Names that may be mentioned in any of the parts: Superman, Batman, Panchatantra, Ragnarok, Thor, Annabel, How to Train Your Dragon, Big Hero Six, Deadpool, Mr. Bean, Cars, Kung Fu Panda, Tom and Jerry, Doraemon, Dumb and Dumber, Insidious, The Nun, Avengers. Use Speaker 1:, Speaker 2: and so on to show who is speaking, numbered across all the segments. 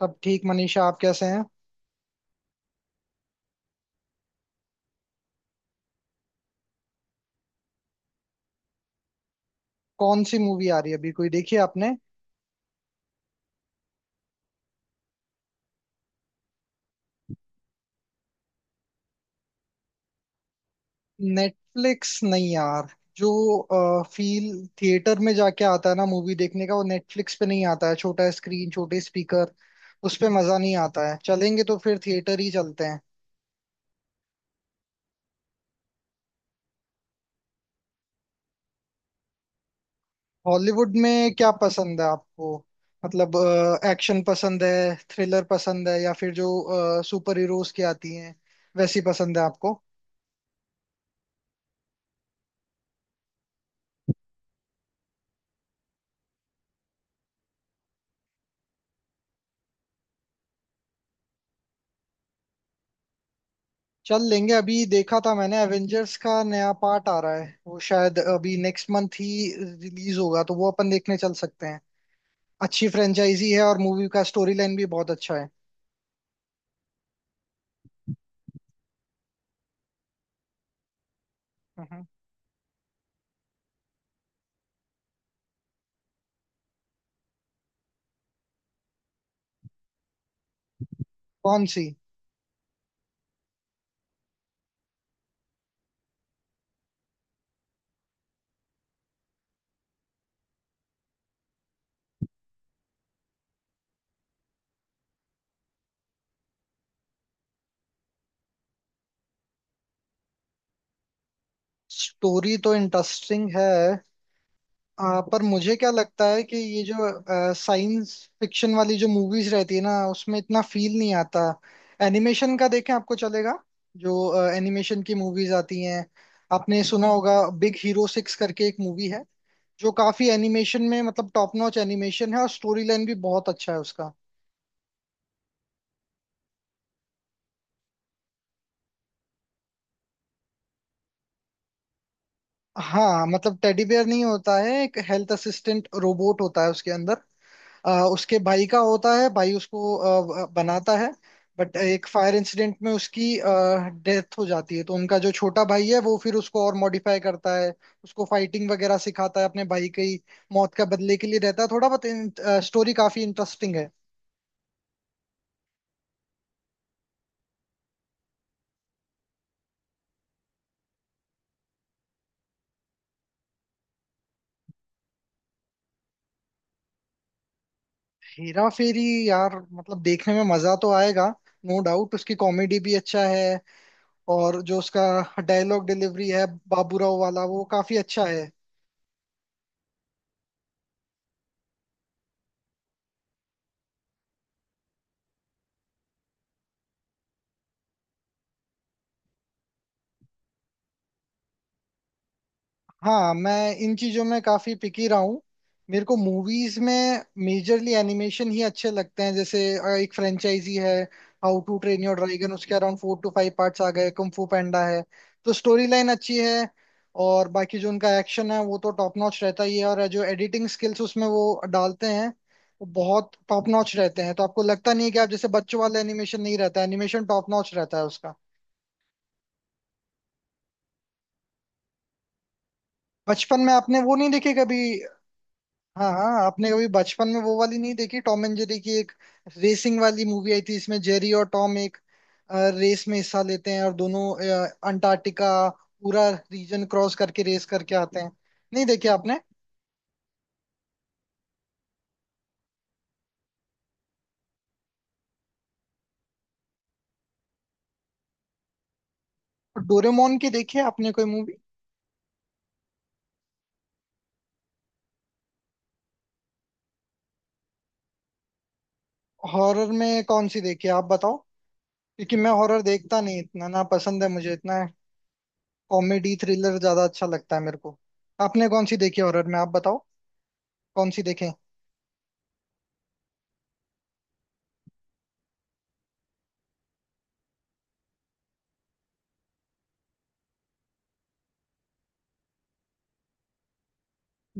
Speaker 1: सब ठीक मनीषा। आप कैसे हैं? कौन सी मूवी आ रही है अभी? कोई देखी है आपने? नेटफ्लिक्स नहीं यार। जो फील थिएटर में जाके आता है ना मूवी देखने का, वो नेटफ्लिक्स पे नहीं आता है। छोटा स्क्रीन, छोटे स्पीकर, उस पे मजा नहीं आता है। चलेंगे तो फिर थिएटर ही चलते हैं। हॉलीवुड में क्या पसंद है आपको? मतलब, एक्शन पसंद है, थ्रिलर पसंद है, या फिर जो सुपर हीरोज की आती हैं वैसी पसंद है आपको? चल लेंगे। अभी देखा था मैंने, एवेंजर्स का नया पार्ट आ रहा है, वो शायद अभी नेक्स्ट मंथ ही रिलीज होगा, तो वो अपन देखने चल सकते हैं। अच्छी फ्रेंचाइजी है और मूवी का स्टोरी लाइन भी बहुत अच्छा है। हम्म। कौन सी? स्टोरी तो इंटरेस्टिंग है। पर मुझे क्या लगता है कि ये जो साइंस फिक्शन वाली जो मूवीज रहती है ना, उसमें इतना फील नहीं आता। एनिमेशन का देखें, आपको चलेगा? जो एनिमेशन की मूवीज आती हैं, आपने सुना होगा, बिग हीरो सिक्स करके एक मूवी है, जो काफी एनिमेशन में मतलब टॉप नॉच एनिमेशन है और स्टोरी लाइन भी बहुत अच्छा है उसका। हाँ, मतलब टेडी बेयर नहीं होता है, एक हेल्थ असिस्टेंट रोबोट होता है उसके अंदर। उसके भाई का होता है, भाई उसको बनाता है। बट एक फायर इंसिडेंट में उसकी डेथ हो जाती है, तो उनका जो छोटा भाई है वो फिर उसको और मॉडिफाई करता है। उसको फाइटिंग वगैरह सिखाता है, अपने भाई की मौत का बदले के लिए रहता है, थोड़ा बहुत। स्टोरी काफी इंटरेस्टिंग है। हेरा फेरी, यार मतलब देखने में मजा तो आएगा। नो डाउट, उसकी कॉमेडी भी अच्छा है। और जो उसका डायलॉग डिलीवरी है बाबूराव वाला, वो काफी अच्छा है। हाँ, मैं इन चीजों में काफी पिकी रहा हूँ। मेरे को मूवीज में मेजरली एनिमेशन ही अच्छे लगते हैं। जैसे एक फ्रेंचाइजी है, how to train your dragon, उसके around four to five parts आ गए। कुंग फू पैंडा है, तो स्टोरी लाइन अच्छी है। और बाकी जो उनका एक्शन है वो तो टॉप नॉच रहता ही है, और जो एडिटिंग स्किल्स उसमें वो डालते हैं वो बहुत टॉप नॉच रहते हैं। तो आपको लगता नहीं है कि आप जैसे, बच्चों वाला एनिमेशन नहीं रहता, एनिमेशन टॉप नॉच रहता है उसका। बचपन में आपने वो नहीं देखे कभी? हाँ हाँ, आपने कभी बचपन में वो वाली नहीं देखी। टॉम एंड जेरी की एक रेसिंग वाली मूवी आई थी, इसमें जेरी और टॉम एक रेस में हिस्सा लेते हैं, और दोनों अंटार्कटिका पूरा रीजन क्रॉस करके रेस करके आते हैं। नहीं देखी आपने? डोरेमोन की देखी है आपने कोई मूवी? हॉरर में कौन सी देखी है आप बताओ, क्योंकि मैं हॉरर देखता नहीं इतना, ना पसंद है मुझे इतना। कॉमेडी थ्रिलर ज्यादा अच्छा लगता है मेरे को। आपने कौन सी देखी हॉरर में आप बताओ, कौन सी देखें?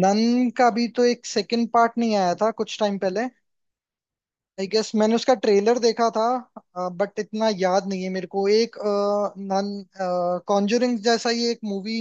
Speaker 1: नन का भी तो एक सेकंड पार्ट नहीं आया था कुछ टाइम पहले? आई गेस मैंने उसका ट्रेलर देखा था बट इतना याद नहीं है मेरे को। एक नन कॉन्जुरिंग जैसा ही एक मूवी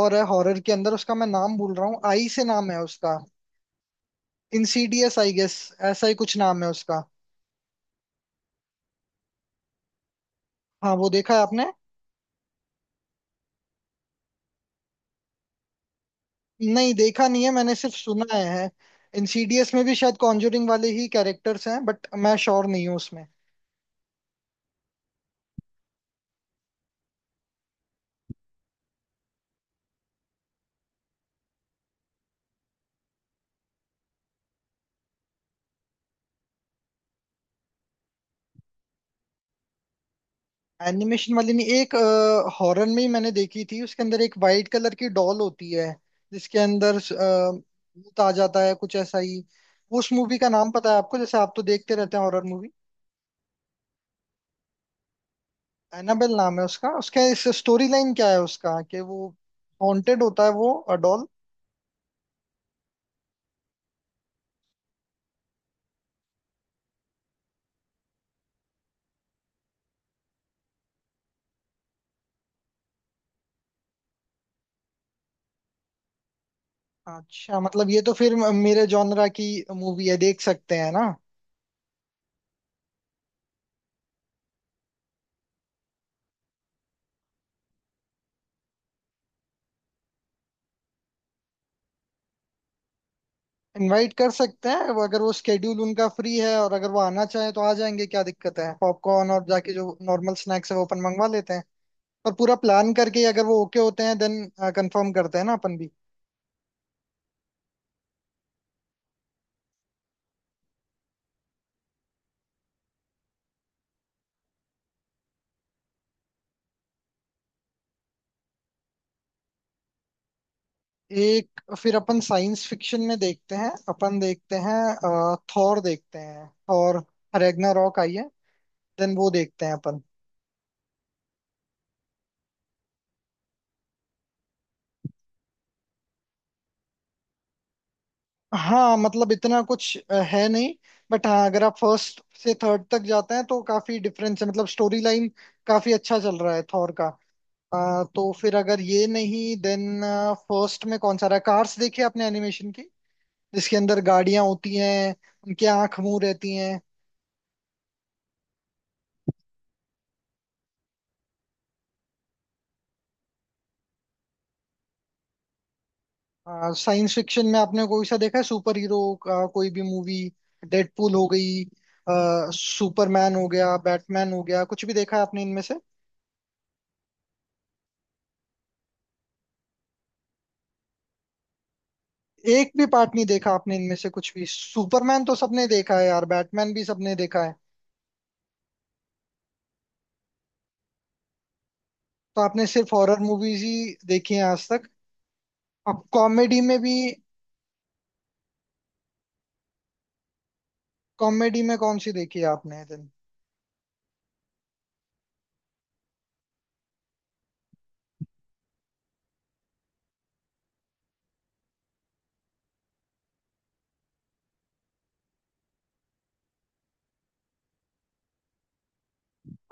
Speaker 1: और है हॉरर के अंदर, उसका मैं नाम भूल रहा हूँ, आई से नाम है उसका। इंसीडियस आई गेस, ऐसा ही कुछ नाम है उसका। हाँ, वो देखा है आपने? नहीं, देखा नहीं है मैंने, सिर्फ सुना है। इंसीडियस में भी शायद कॉन्जुरिंग वाले ही कैरेक्टर्स हैं, बट मैं श्योर नहीं हूँ उसमें। एनिमेशन वाली नहीं, एक हॉरर में ही मैंने देखी थी, उसके अंदर एक वाइट कलर की डॉल होती है जिसके अंदर भूत आ जाता है, कुछ ऐसा ही। उस मूवी का नाम पता है आपको, जैसे आप तो देखते रहते हैं हॉरर मूवी? एनाबेल नाम है उसका। उसका इस स्टोरी लाइन क्या है उसका कि वो हॉन्टेड होता है वो डॉल। अच्छा, मतलब ये तो फिर मेरे जॉनरा की मूवी है, देख सकते हैं ना? इनवाइट कर सकते हैं वो, अगर वो स्केड्यूल उनका फ्री है और अगर वो आना चाहे तो आ जाएंगे, क्या दिक्कत है? पॉपकॉर्न और जाके जो नॉर्मल स्नैक्स है वो अपन मंगवा लेते हैं, और पूरा प्लान करके अगर वो ओके होते हैं देन कंफर्म करते हैं ना अपन भी। एक फिर अपन साइंस फिक्शन में देखते हैं, अपन देखते हैं थॉर देखते हैं और रैग्नारॉक आई है, देन वो देखते हैं अपन। हाँ, मतलब इतना कुछ है नहीं, बट हाँ, अगर आप फर्स्ट से थर्ड तक जाते हैं तो काफी डिफरेंस है, मतलब स्टोरी लाइन काफी अच्छा चल रहा है थॉर का। तो फिर अगर ये नहीं, देन फर्स्ट में कौन सा रहा? कार्स देखी आपने, एनिमेशन की, जिसके अंदर गाड़ियां होती हैं, उनकी आंख मुंह रहती हैं? साइंस फिक्शन में आपने कोई सा देखा है, सुपर हीरो का कोई भी मूवी? डेडपूल हो गई, सुपरमैन हो गया, बैटमैन हो गया, कुछ भी देखा है आपने इनमें से? एक भी पार्ट नहीं देखा आपने इनमें से कुछ भी? सुपरमैन तो सबने देखा है यार, बैटमैन भी सबने देखा है। तो आपने सिर्फ हॉरर मूवीज ही देखी हैं आज तक? अब कॉमेडी में भी? कॉमेडी में कौन सी देखी है आपने दिन?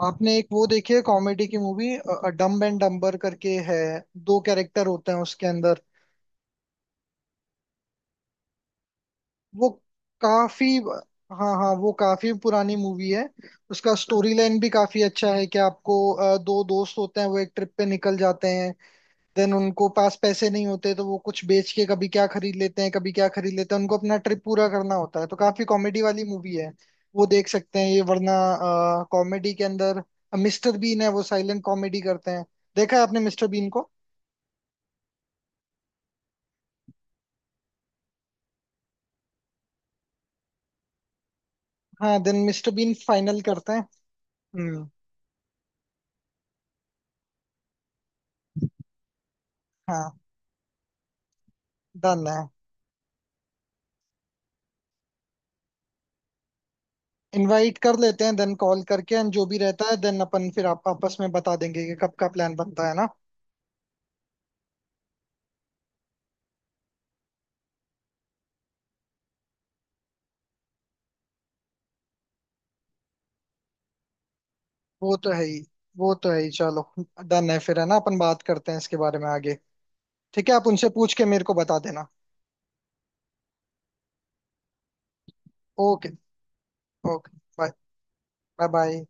Speaker 1: आपने एक वो देखी है कॉमेडी की मूवी, डम्ब एंड डम्बर करके है, दो कैरेक्टर होते हैं उसके अंदर? वो काफी, हाँ हाँ, वो काफी पुरानी मूवी है। उसका स्टोरी लाइन भी काफी अच्छा है कि आपको, दो दोस्त होते हैं, वो एक ट्रिप पे निकल जाते हैं, देन उनको पास पैसे नहीं होते तो वो कुछ बेच के कभी क्या खरीद लेते हैं कभी क्या खरीद लेते हैं, उनको अपना ट्रिप पूरा करना होता है, तो काफी कॉमेडी वाली मूवी है। वो देख सकते हैं, ये वरना कॉमेडी के अंदर मिस्टर बीन है वो साइलेंट कॉमेडी करते हैं, देखा है आपने मिस्टर बीन को? हाँ, देन मिस्टर बीन फाइनल करते हैं। हम्म। हाँ, डन है। इनवाइट कर लेते हैं देन, कॉल करके, एंड जो भी रहता है देन अपन फिर आप आपस में बता देंगे कि कब का प्लान बनता है ना। वो तो है ही, वो तो है ही। चलो, डन है फिर, है ना? अपन बात करते हैं इसके बारे में आगे। ठीक है, आप उनसे पूछ के मेरे को बता देना। Okay. Okay bye. Bye bye.